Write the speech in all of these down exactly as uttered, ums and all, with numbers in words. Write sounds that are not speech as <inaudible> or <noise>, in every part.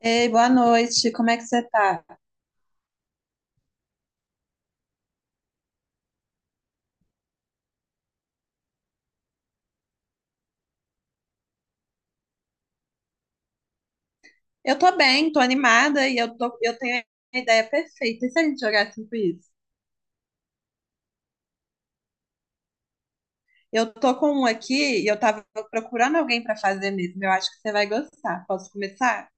Ei, boa noite, como é que você tá? Eu tô bem, tô animada e eu, tô, eu tenho a ideia perfeita. E se a gente jogar assim isso? Eu tô com um aqui e eu tava procurando alguém pra fazer mesmo. Eu acho que você vai gostar. Posso começar?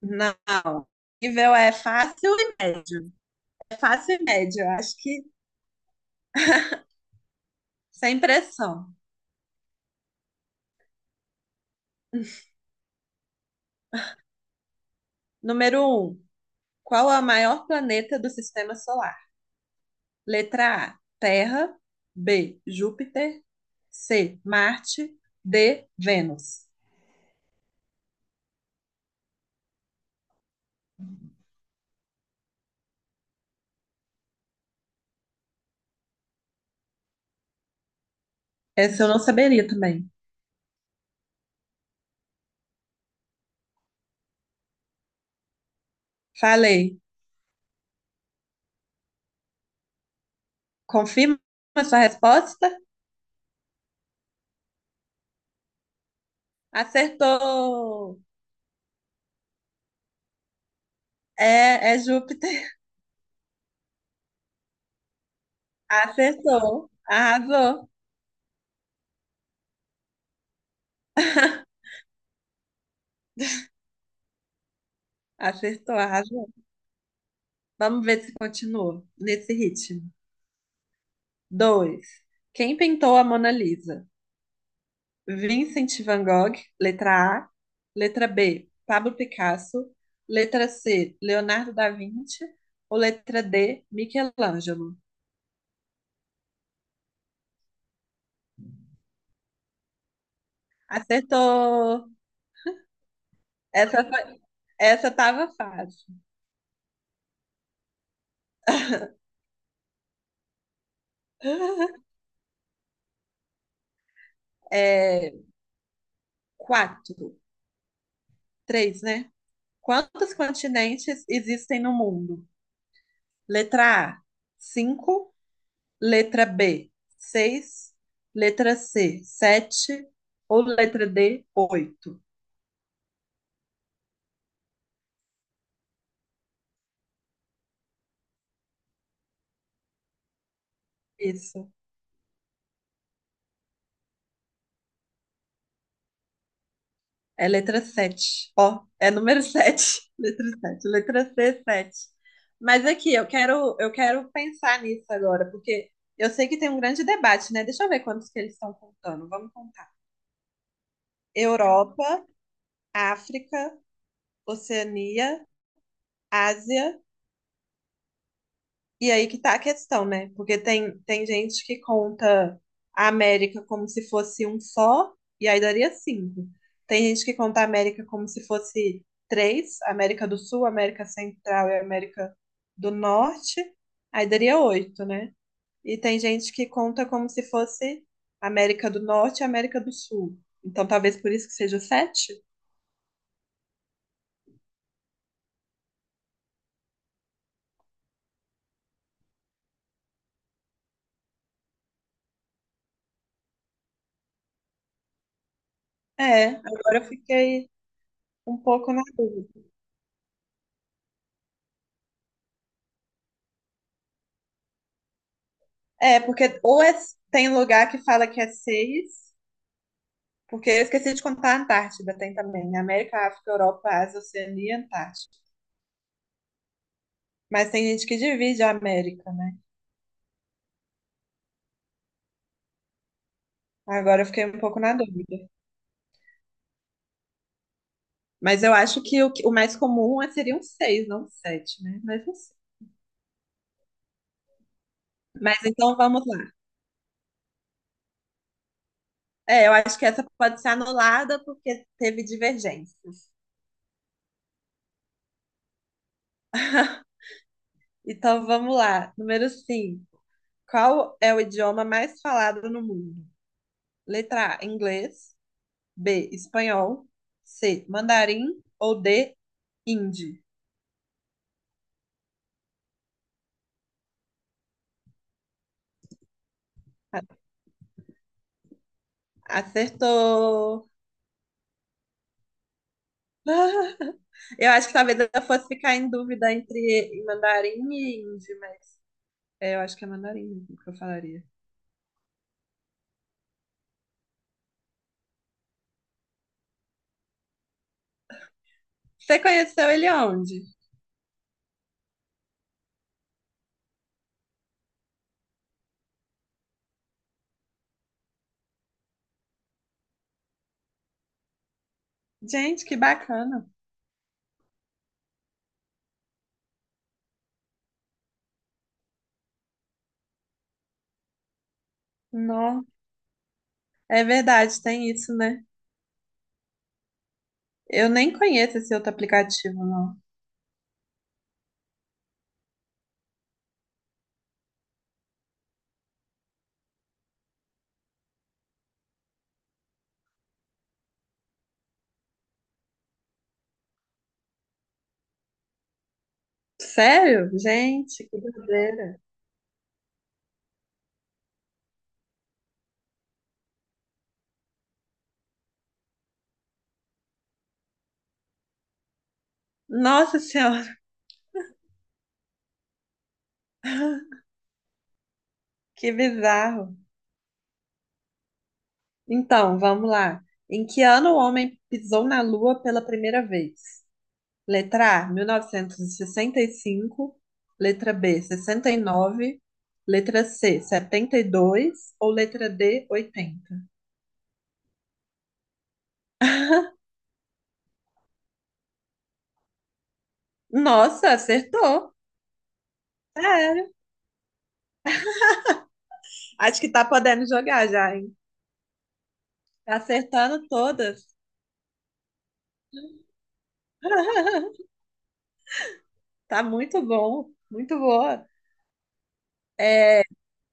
Não. Nível é fácil e médio. É fácil e médio, eu acho que sem pressão. Número um, qual é o maior planeta do sistema solar? Letra A, Terra. B, Júpiter. C, Marte. D, Vênus. Essa eu não saberia também. Falei. Confirma a sua resposta? Acertou! É, é Júpiter. <laughs> Acertou. Arrasou. Acertou, arrasou. Vamos ver se continua nesse ritmo. Dois. Quem pintou a Mona Lisa? Vincent van Gogh, letra A. Letra B, Pablo Picasso. Letra C, Leonardo da Vinci. Ou letra D, Michelangelo. Acertou! Essa foi, essa tava fácil. É, quatro, três, né? Quantos continentes existem no mundo? Letra A, cinco. Letra B, seis. Letra C, sete. Ou letra D, oito. Isso. É letra sete. Ó, é número sete. <laughs> Letra sete. Letra C, sete. Mas aqui, eu quero, eu quero pensar nisso agora, porque eu sei que tem um grande debate, né? Deixa eu ver quantos que eles estão contando. Vamos contar. Europa, África, Oceania, Ásia, e aí que tá a questão, né? Porque tem, tem gente que conta a América como se fosse um só, e aí daria cinco. Tem gente que conta a América como se fosse três, América do Sul, América Central e América do Norte, aí daria oito, né? E tem gente que conta como se fosse América do Norte e América do Sul. Então talvez por isso que seja sete? É, agora eu fiquei um pouco na dúvida. É, porque ou é- tem lugar que fala que é seis, porque eu esqueci de contar a Antártida, tem também, né? América, África, Europa, Ásia, Oceania e Antártida. Mas tem gente que divide a América, né? Agora eu fiquei um pouco na dúvida. Mas eu acho que o, que- o mais comum é- seria um seis, não um sete, né? Mas não sei. Mas então vamos lá. É, eu acho que essa pode ser anulada porque teve divergências. <laughs> Então vamos lá. Número cinco. Qual é o idioma mais falado no mundo? Letra A, inglês. B, espanhol. C, mandarim. Ou D, hindi. Acertou! <laughs> Eu acho que talvez eu fosse ficar em dúvida entre mandarim e hindi, mas é, eu acho que é mandarim mesmo que eu falaria. Você conheceu ele onde? Gente, que bacana! Não, é verdade, tem isso, né? Eu nem conheço esse outro aplicativo, não. Sério? Gente, que doideira! Nossa Senhora, <laughs> que bizarro! Então, vamos lá. Em que ano o homem pisou na Lua pela primeira vez? Letra A, mil novecentos e e sessenta e cinco. Letra B, sessenta e nove. Letra C, setenta e dois. Ou letra D, oitenta. <laughs> Nossa, acertou! Sério. Acho que tá podendo jogar já, hein? Tá acertando todas. <laughs> Tá muito bom, muito boa. É,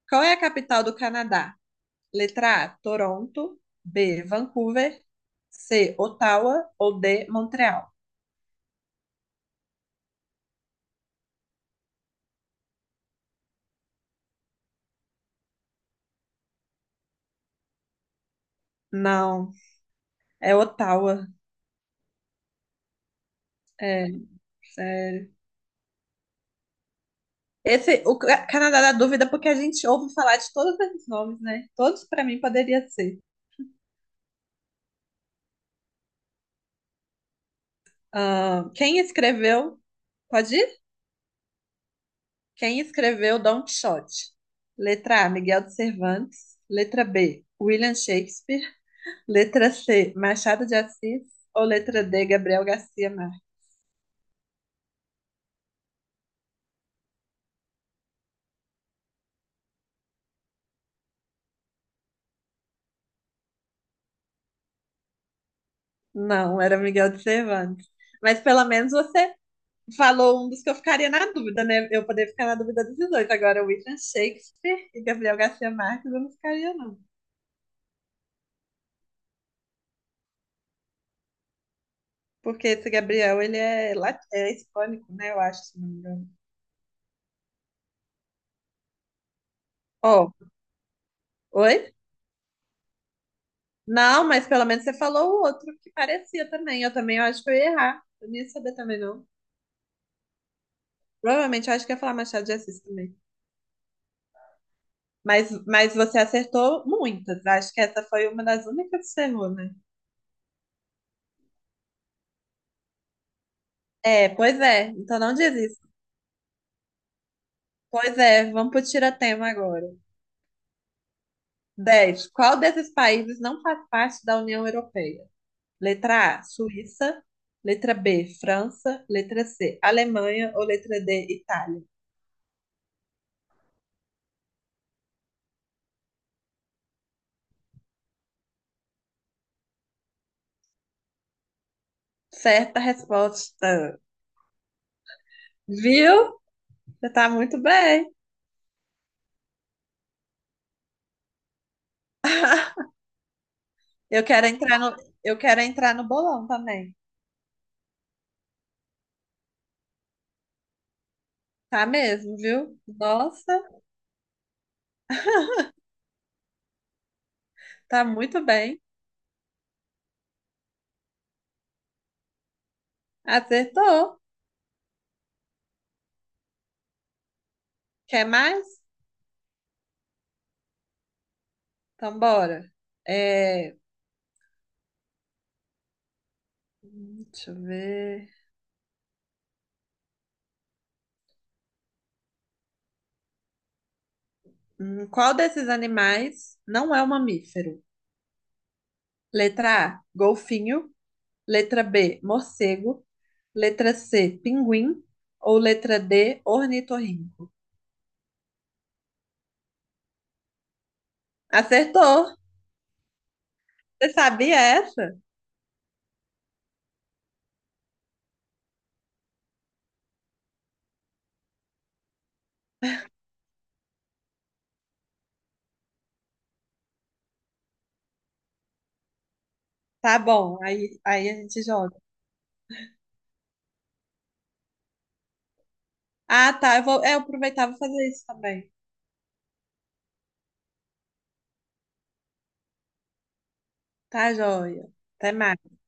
Qual é a capital do Canadá? Letra A, Toronto. B, Vancouver. C, Ottawa. Ou D, Montreal. Não, é Ottawa. É, sério. Esse, o Ca- Canadá dá dúvida porque a gente ouve falar de todos esses nomes, né? Todos para mim poderia ser. Ah, quem escreveu? Pode ir? Quem escreveu Don Quixote? Letra A, Miguel de Cervantes. Letra B, William Shakespeare. Letra C, Machado de Assis. Ou letra D, Gabriel Garcia Marques. Não, era Miguel de Cervantes. Mas pelo menos você falou um dos que eu ficaria na dúvida, né? Eu poderia ficar na dúvida desses dois. Agora, William Shakespeare e Gabriel Garcia Marques, eu não ficaria, não. Porque esse Gabriel, ele é, lat- é hispânico, né? Eu acho, se não me engano. Ó, oi? Não, mas pelo menos você falou o outro que parecia também. Eu também eu acho que eu ia errar. Eu não ia saber também, não. Provavelmente eu acho que ia falar Machado de Assis também. Mas, mas você acertou muitas. Acho que essa foi uma das únicas que você errou, né? É, pois é. Então não diz isso. Pois é, vamos pro tiratema agora. Dez. Qual desses países não faz parte da União Europeia? Letra A, Suíça. Letra B, França. Letra C, Alemanha. Ou letra D, Itália? Certa resposta. Viu? Você tá muito bem. Eu quero entrar no, eu quero entrar no bolão também. Tá mesmo, viu? Nossa, tá muito bem. Acertou. Quer mais? Então bora. É, Deixa eu ver. Hum, qual desses animais não é um mamífero? Letra A, golfinho. Letra B, morcego. Letra C, pinguim. Ou letra D, ornitorrinco. Acertou! Você sabia essa? Tá bom, aí, aí a gente joga. Ah, tá. Eu vou, é, eu aproveitar e vou fazer isso também. Tá, joia. Até mais.